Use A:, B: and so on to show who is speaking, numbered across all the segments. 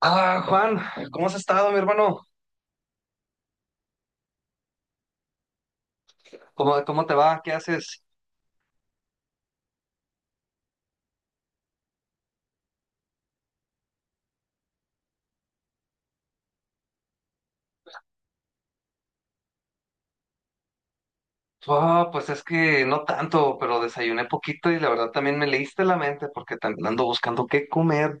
A: Ah, Juan, ¿cómo has estado, mi hermano? ¿Cómo dices? Ah, pues es que no tanto, pero desayuné poquito y la verdad también me leíste la mente porque también ando buscando qué comer.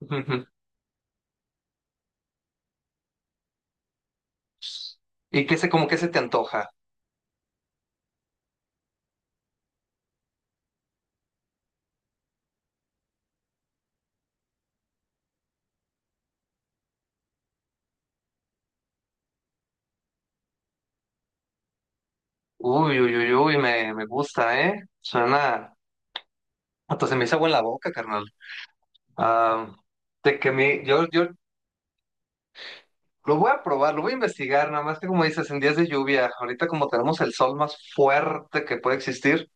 A: ¿Y qué se, como que se te antoja? Uy, uy, uy, uy, me gusta, ¿eh? Suena, hasta se me hizo agua en la boca, carnal. Ah, de que mi, yo lo voy a probar, lo voy a investigar, nada más que como dices, en días de lluvia, ahorita como tenemos el sol más fuerte que puede existir.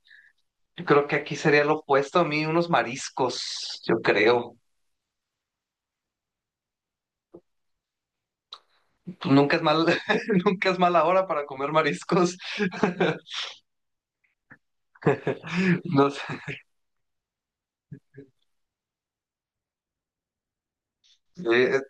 A: Yo creo que aquí sería lo opuesto a mí, unos mariscos, yo creo. Pues nunca es mal, nunca es mala hora para comer mariscos. No sé. Eh,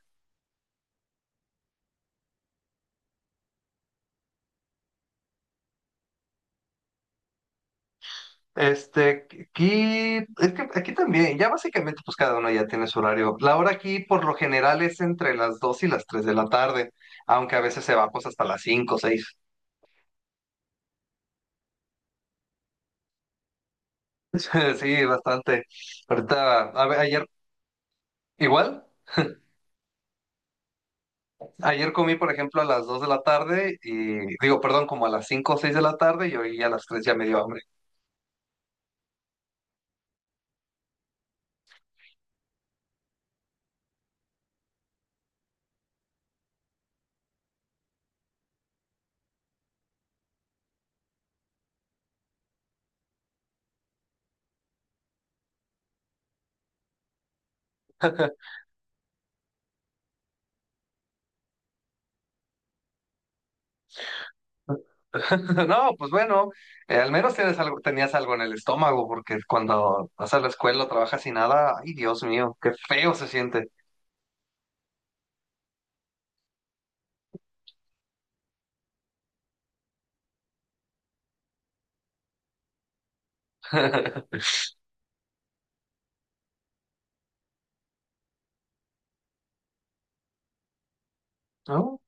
A: Este, aquí, es que aquí también, ya básicamente, pues cada uno ya tiene su horario. La hora aquí, por lo general, es entre las 2 y las 3 de la tarde, aunque a veces se va pues hasta las cinco o 6. Sí, bastante. Ahorita, a ver, ayer, igual. Ayer comí, por ejemplo, a las 2 de la tarde y digo, perdón, como a las 5 o 6 de la tarde y hoy a las tres ya me dio hambre. No, pues bueno, al menos tienes algo, tenías algo en el estómago porque cuando vas a la escuela, o trabajas sin nada, ay Dios mío, qué feo se siente. ¿No?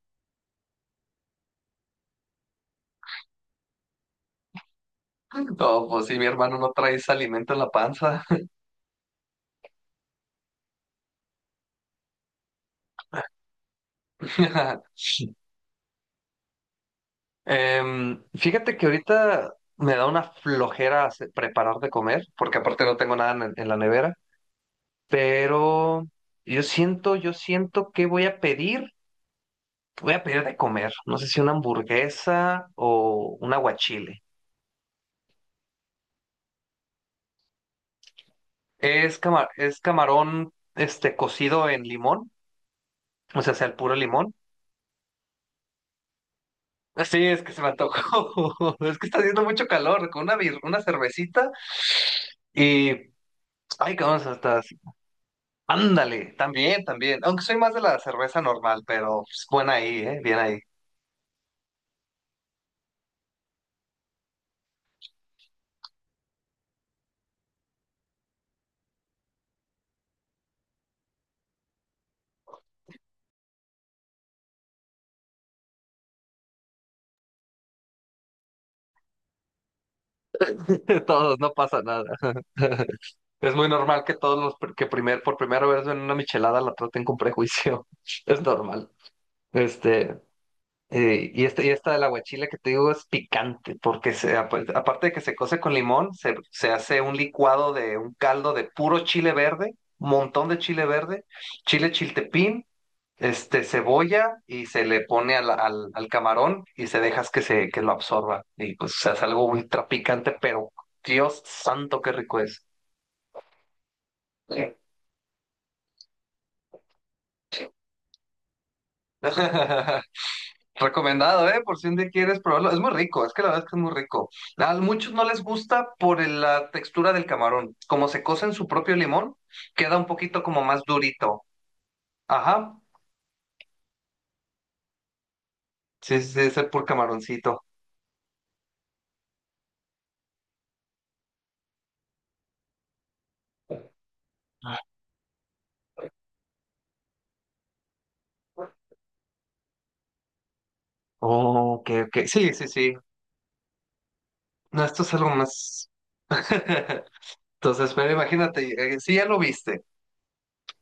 A: No, pues sí, mi hermano no traes alimento en la panza. Fíjate que ahorita me da una flojera preparar de comer porque aparte no tengo nada en la nevera. Pero yo siento que voy a pedir de comer. No sé si una hamburguesa o un aguachile. Es es camarón, este, cocido en limón, o sea, sea el puro limón. Sí, es que se me antojó. Es que está haciendo mucho calor, con una, una cervecita y, ay, vamos hasta, ándale, también, también. Aunque soy más de la cerveza normal, pero es buena ahí, bien ahí. Todos, no pasa nada. Es muy normal que todos que por primera vez ven una michelada la traten con prejuicio. Es normal. Este, y, este, y esta del aguachile que te digo es picante, porque se, aparte de que se cose con limón, se hace un licuado de un caldo de puro chile verde, montón de chile verde, chile chiltepín, este, cebolla, y se le pone al camarón y se dejas que, se, que lo absorba. Y pues se hace algo ultra picante, pero Dios santo, qué rico es. Sí. Recomendado, ¿eh? Por si un día quieres probarlo. Es muy rico, es que la verdad es que es muy rico. A muchos no les gusta por la textura del camarón. Como se cose en su propio limón, queda un poquito como más durito. Ajá. Sí, sí, sí, es el pur camaroncito. Oh, ok, ok. Sí, sí, sí. No, esto es algo más. Entonces, pero imagínate, si ya lo viste,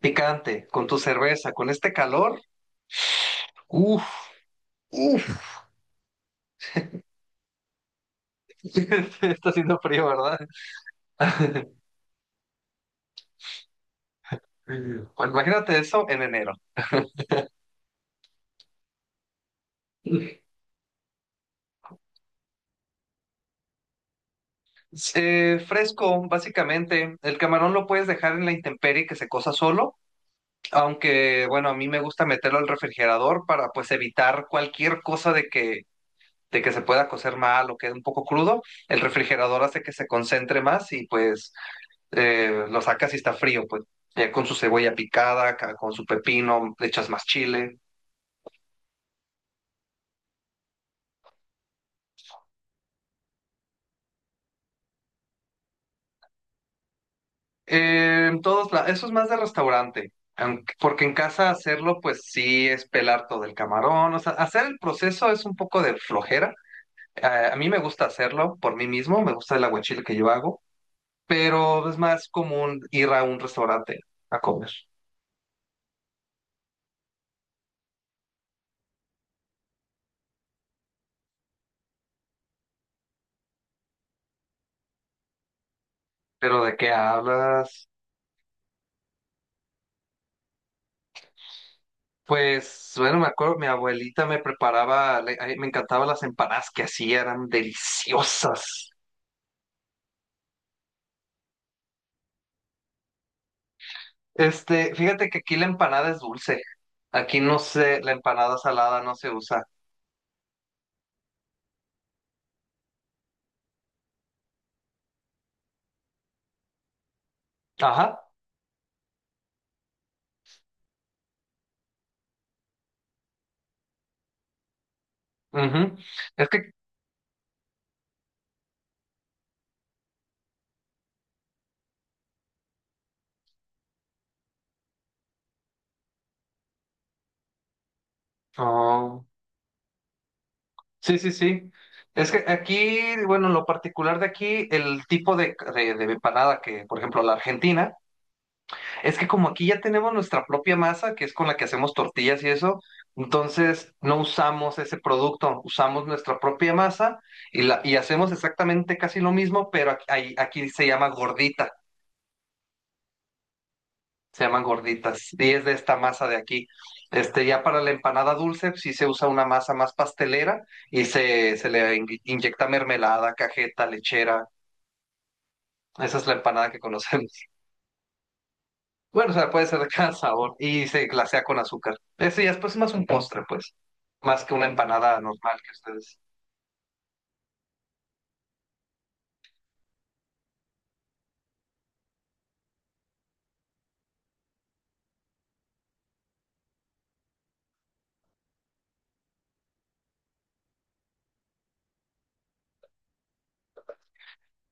A: picante, con tu cerveza, con este calor. Uf, uf. Está haciendo frío, ¿verdad? Bueno, imagínate eso en enero. Fresco, básicamente. El camarón lo puedes dejar en la intemperie que se cosa solo, aunque bueno, a mí me gusta meterlo al refrigerador para pues evitar cualquier cosa de que se pueda cocer mal o quede un poco crudo. El refrigerador hace que se concentre más y pues lo sacas y está frío, pues ya con su cebolla picada, con su pepino, le echas más chile. En todos lados, eso es más de restaurante, aunque- porque en casa hacerlo, pues sí es pelar todo el camarón, o sea, hacer el proceso es un poco de flojera. Eh, a mí me gusta hacerlo por mí mismo, me gusta el aguachile que yo hago, pero es más común ir a un restaurante a comer. ¿Pero de qué hablas? Pues, bueno, me acuerdo, mi abuelita me preparaba, a mí me encantaban las empanadas que hacía, eran deliciosas. Este, fíjate que aquí la empanada es dulce. Aquí no sé, la empanada salada no se usa. Ajá. Ujú. Es que, oh, sí, sí, sí. Es que aquí, bueno, lo particular de aquí, el tipo de empanada que, por ejemplo, la Argentina, es que como aquí ya tenemos nuestra propia masa, que es con la que hacemos tortillas y eso, entonces no usamos ese producto, usamos nuestra propia masa y, la, y hacemos exactamente casi lo mismo, pero aquí, aquí se llama gordita. Se llaman gorditas, y es de esta masa de aquí. Este, ya para la empanada dulce, pues, sí se usa una masa más pastelera y se le inyecta mermelada, cajeta, lechera. Esa es la empanada que conocemos. Bueno, o sea, puede ser de cada sabor y se glasea con azúcar. Ese ya es pues más un postre, pues, más que una empanada normal que ustedes.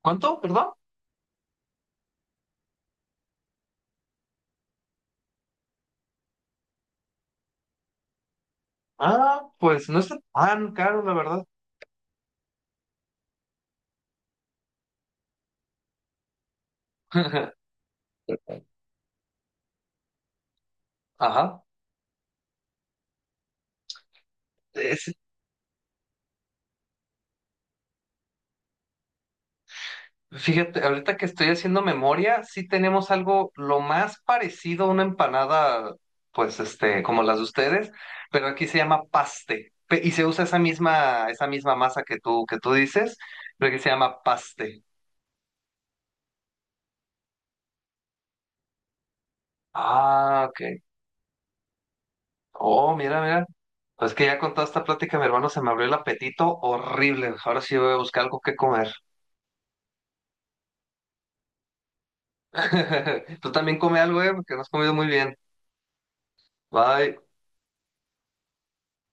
A: ¿Cuánto? ¿Perdón? Ah, pues no está tan caro, la verdad. Ajá. Es- Fíjate, ahorita que estoy haciendo memoria, sí tenemos algo lo más parecido a una empanada, pues este, como las de ustedes, pero aquí se llama paste. Y se usa esa misma masa que tú dices, pero aquí se llama paste. Ah, ok. Oh, mira, mira. Pues que ya con toda esta plática, mi hermano, se me abrió el apetito horrible. Ahora sí voy a buscar algo que comer. Tú también come algo, porque no has comido muy bien. Bye.